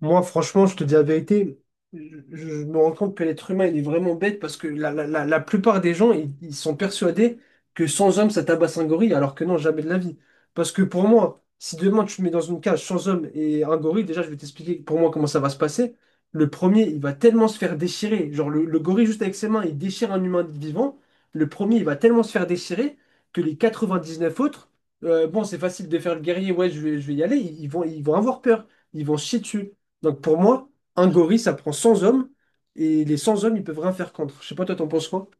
Moi, franchement, je te dis la vérité, je me rends compte que l'être humain, il est vraiment bête parce que la plupart des gens, ils sont persuadés que sans homme, ça tabasse un gorille, alors que non, jamais de la vie. Parce que pour moi, si demain tu me mets dans une cage sans homme et un gorille, déjà, je vais t'expliquer pour moi comment ça va se passer. Le premier, il va tellement se faire déchirer. Genre, le gorille, juste avec ses mains, il déchire un humain vivant. Le premier, il va tellement se faire déchirer que les 99 autres, bon, c'est facile de faire le guerrier, ouais, je vais y aller, ils vont avoir peur. Ils vont se chier dessus. Donc pour moi, un gorille, ça prend 100 hommes, et les 100 hommes, ils peuvent rien faire contre. Je sais pas, toi, t'en penses quoi?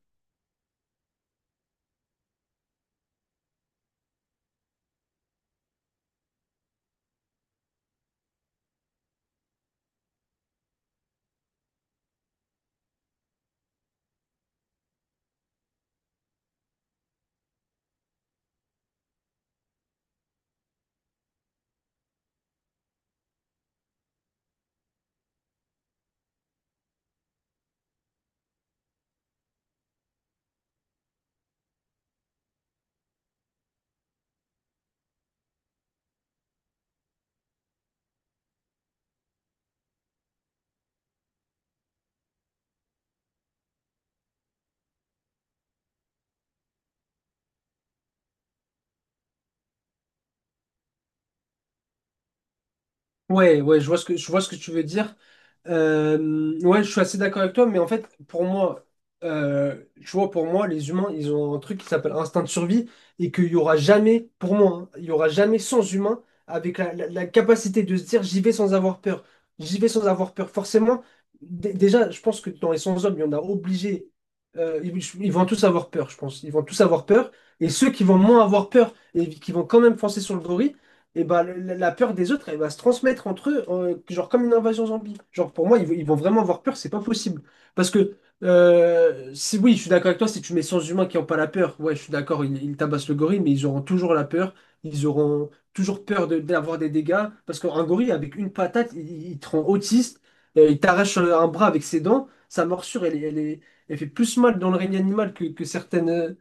Ouais, ouais, je vois ce que tu veux dire. Ouais, je suis assez d'accord avec toi, mais en fait, pour moi, tu vois, pour moi, les humains, ils ont un truc qui s'appelle instinct de survie et qu'il y aura jamais, pour moi, hein, il y aura jamais sans humain avec la capacité de se dire j'y vais sans avoir peur. J'y vais sans avoir peur. Forcément, déjà, je pense que dans les sans hommes, il y en a obligé. euh, ils, ils vont tous avoir peur, je pense. Ils vont tous avoir peur. Et ceux qui vont moins avoir peur et qui vont quand même foncer sur le gorille, et bah, la peur des autres, elle va se transmettre entre eux, genre comme une invasion zombie. Genre, pour moi, ils vont vraiment avoir peur, c'est pas possible. Parce que, si, oui, je suis d'accord avec toi, si tu mets 100 humains qui n'ont pas la peur, ouais, je suis d'accord, ils tabassent le gorille, mais ils auront toujours la peur, ils auront toujours peur d'avoir des dégâts. Parce qu'un gorille, avec une patate, il te rend autiste, il t'arrache un bras avec ses dents, sa morsure, elle fait plus mal dans le règne animal que certaines,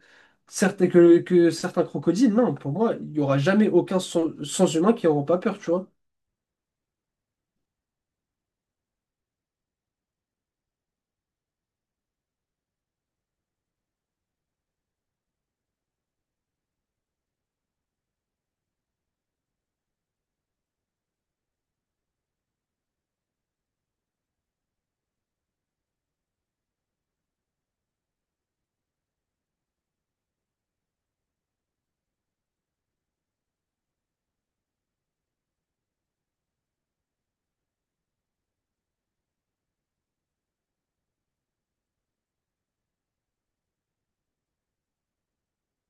Certains, que certains crocodiles, non, pour moi, il n'y aura jamais aucun sans, humain qui n'auront pas peur, tu vois.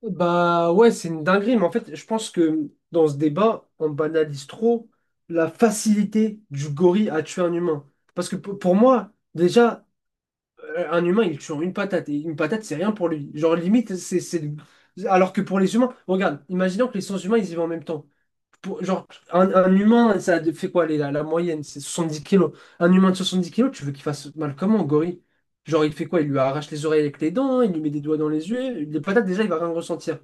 Bah ouais, c'est une dinguerie, mais en fait, je pense que dans ce débat, on banalise trop la facilité du gorille à tuer un humain. Parce que pour moi, déjà, un humain, il tue en une patate, et une patate, c'est rien pour lui. Genre, limite, Alors que pour les humains, regarde, imaginons que les sens humains, ils y vont en même temps. Genre, un humain, ça fait quoi la moyenne? C'est 70 kilos. Un humain de 70 kilos, tu veux qu'il fasse mal comment, gorille? Genre, il fait quoi? Il lui arrache les oreilles avec les dents, hein, il lui met des doigts dans les yeux. Les patates, déjà, il va rien ressentir.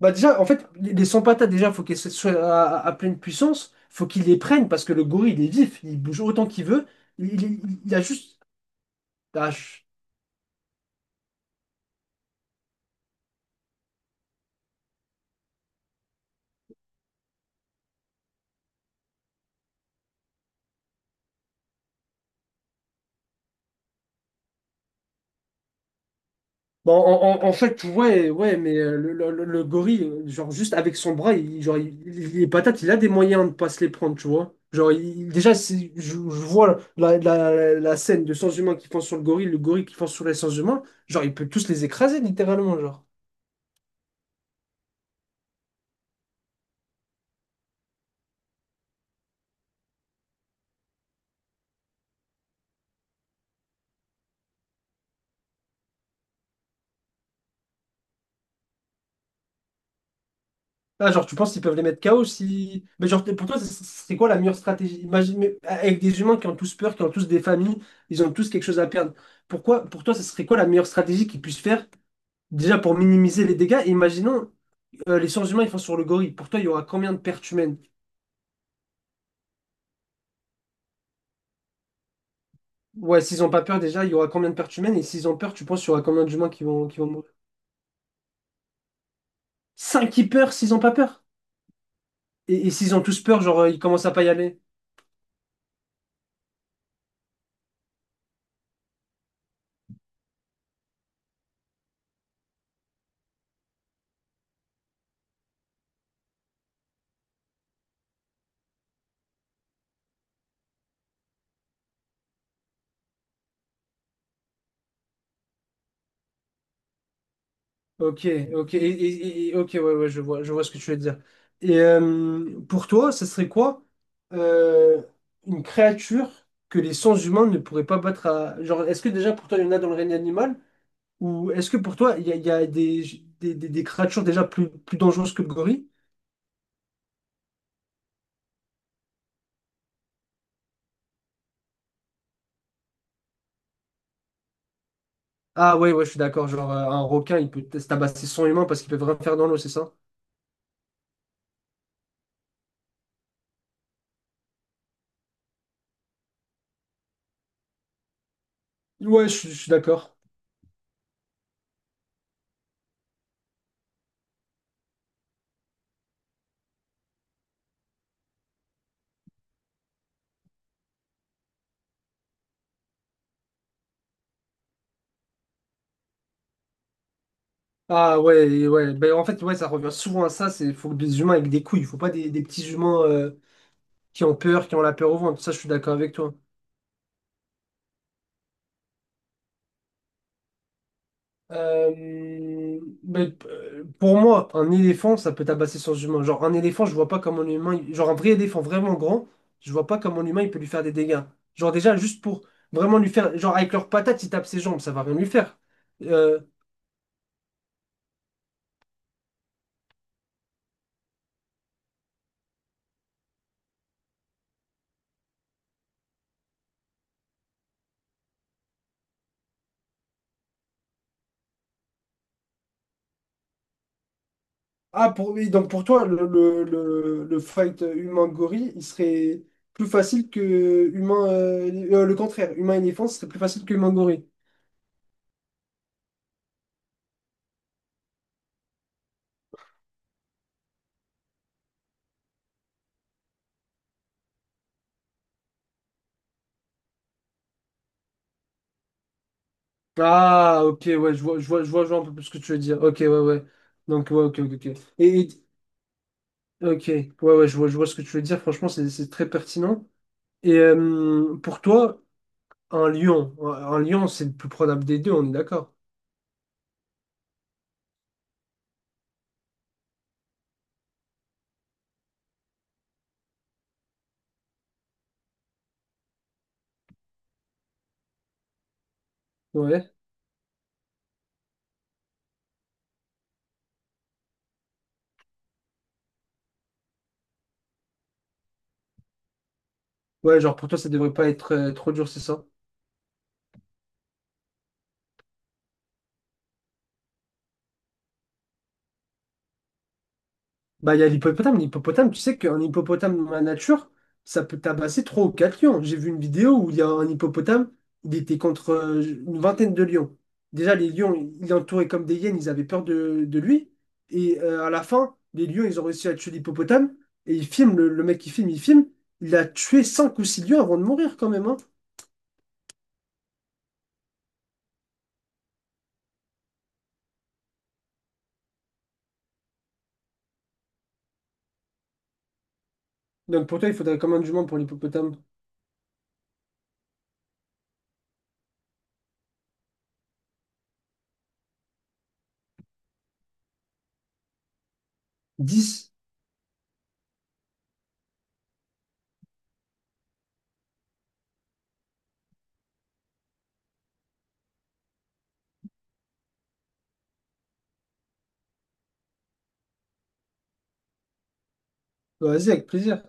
Bah, déjà, en fait, les 100 patates, déjà, faut qu'elles soient à, à pleine puissance. Faut qu'il les prenne parce que le gorille, il est vif, il bouge autant qu'il veut. Il a juste. Ah, bon, en fait, ouais, ouais, mais le gorille, genre, juste avec son bras, genre, les patates, il a des moyens de pas se les prendre, tu vois. Genre, déjà, je vois la scène de sans humains qui fonce sur le gorille qui fonce sur les sans humains, genre, il peut tous les écraser, littéralement, genre. Ah, genre, tu penses qu'ils peuvent les mettre KO si... Mais genre, pour toi, c'est quoi la meilleure stratégie? Imagine, mais avec des humains qui ont tous peur, qui ont tous des familles, ils ont tous quelque chose à perdre. Pourquoi, pour toi, ce serait quoi la meilleure stratégie qu'ils puissent faire, déjà, pour minimiser les dégâts? Imaginons... les sens humains ils font sur le gorille. Pour toi, il y aura combien de pertes humaines? Ouais, s'ils ont pas peur déjà, il y aura combien de pertes humaines? Et s'ils ont peur, tu penses qu'il y aura combien d'humains qui vont mourir? 5 qui peur s'ils ont pas peur? Et- s'ils ont tous peur, genre, ils commencent à pas y aller? Ok, ok, et, ok, ouais, ouais, je vois ce que tu veux dire. Et pour toi, ce serait quoi euh, une créature que les sens humains ne pourraient pas battre à... Genre, est-ce que déjà pour toi, il y en a dans le règne animal? Ou est-ce que pour toi, il y a des créatures déjà plus dangereuses que le gorille? Ah ouais, ouais, je suis d'accord. Genre, un requin, il peut se tabasser son humain parce qu'il peut vraiment faire dans l'eau, c'est ça? Ouais, je suis d'accord. Ah ouais, et ouais. Ben, en fait, ouais, ça revient souvent à ça. C'est faut des humains avec des couilles. Faut pas des, des petits humains qui ont peur, qui ont la peur au ventre. Ça, je suis d'accord avec toi. Pour moi, un éléphant, ça peut tabasser son humain. Genre, un éléphant, je vois pas comment l'humain. Genre, un vrai éléphant vraiment grand, je vois pas comment l'humain, il peut lui faire des dégâts. Genre, déjà, juste pour vraiment lui faire. Genre, avec leurs patates, ils tapent ses jambes, ça va rien lui faire. Euh, Ah, pour, oui, donc pour toi, le fight humain-gorille, il serait plus facile que humain. Le contraire, humain-éléphant, ce serait plus facile que humain-gorille. Ah, ok, ouais, je vois, je vois, je vois, je vois un peu plus ce que tu veux dire. Ok, ouais, ouais. Donc, ouais, ok, ok, ok. Et, ok, ouais, ouais, je vois ce que tu veux dire. Franchement, c'est très pertinent. Et pour toi, un lion. Un lion, c'est le plus probable des deux, on est d'accord. Ouais. Ouais, genre pour toi, ça devrait pas être trop dur, c'est ça? Bah, il y a l'hippopotame. L'hippopotame, tu sais qu'un hippopotame dans la nature, ça peut tabasser 3 ou 4 lions. J'ai vu une vidéo où il y a un hippopotame, il était contre une vingtaine de lions. Déjà, les lions, ils l'entouraient comme des hyènes, ils avaient peur de lui. Et à la fin, les lions, ils ont réussi à tuer l'hippopotame. Et ils filment, le mec qui filme. Il a tué 5 ou 6 lions avant de mourir quand même, hein. Donc pour toi, il faudrait combien de juments pour l'hippopotame? 10. Bah, vas-y, avec plaisir.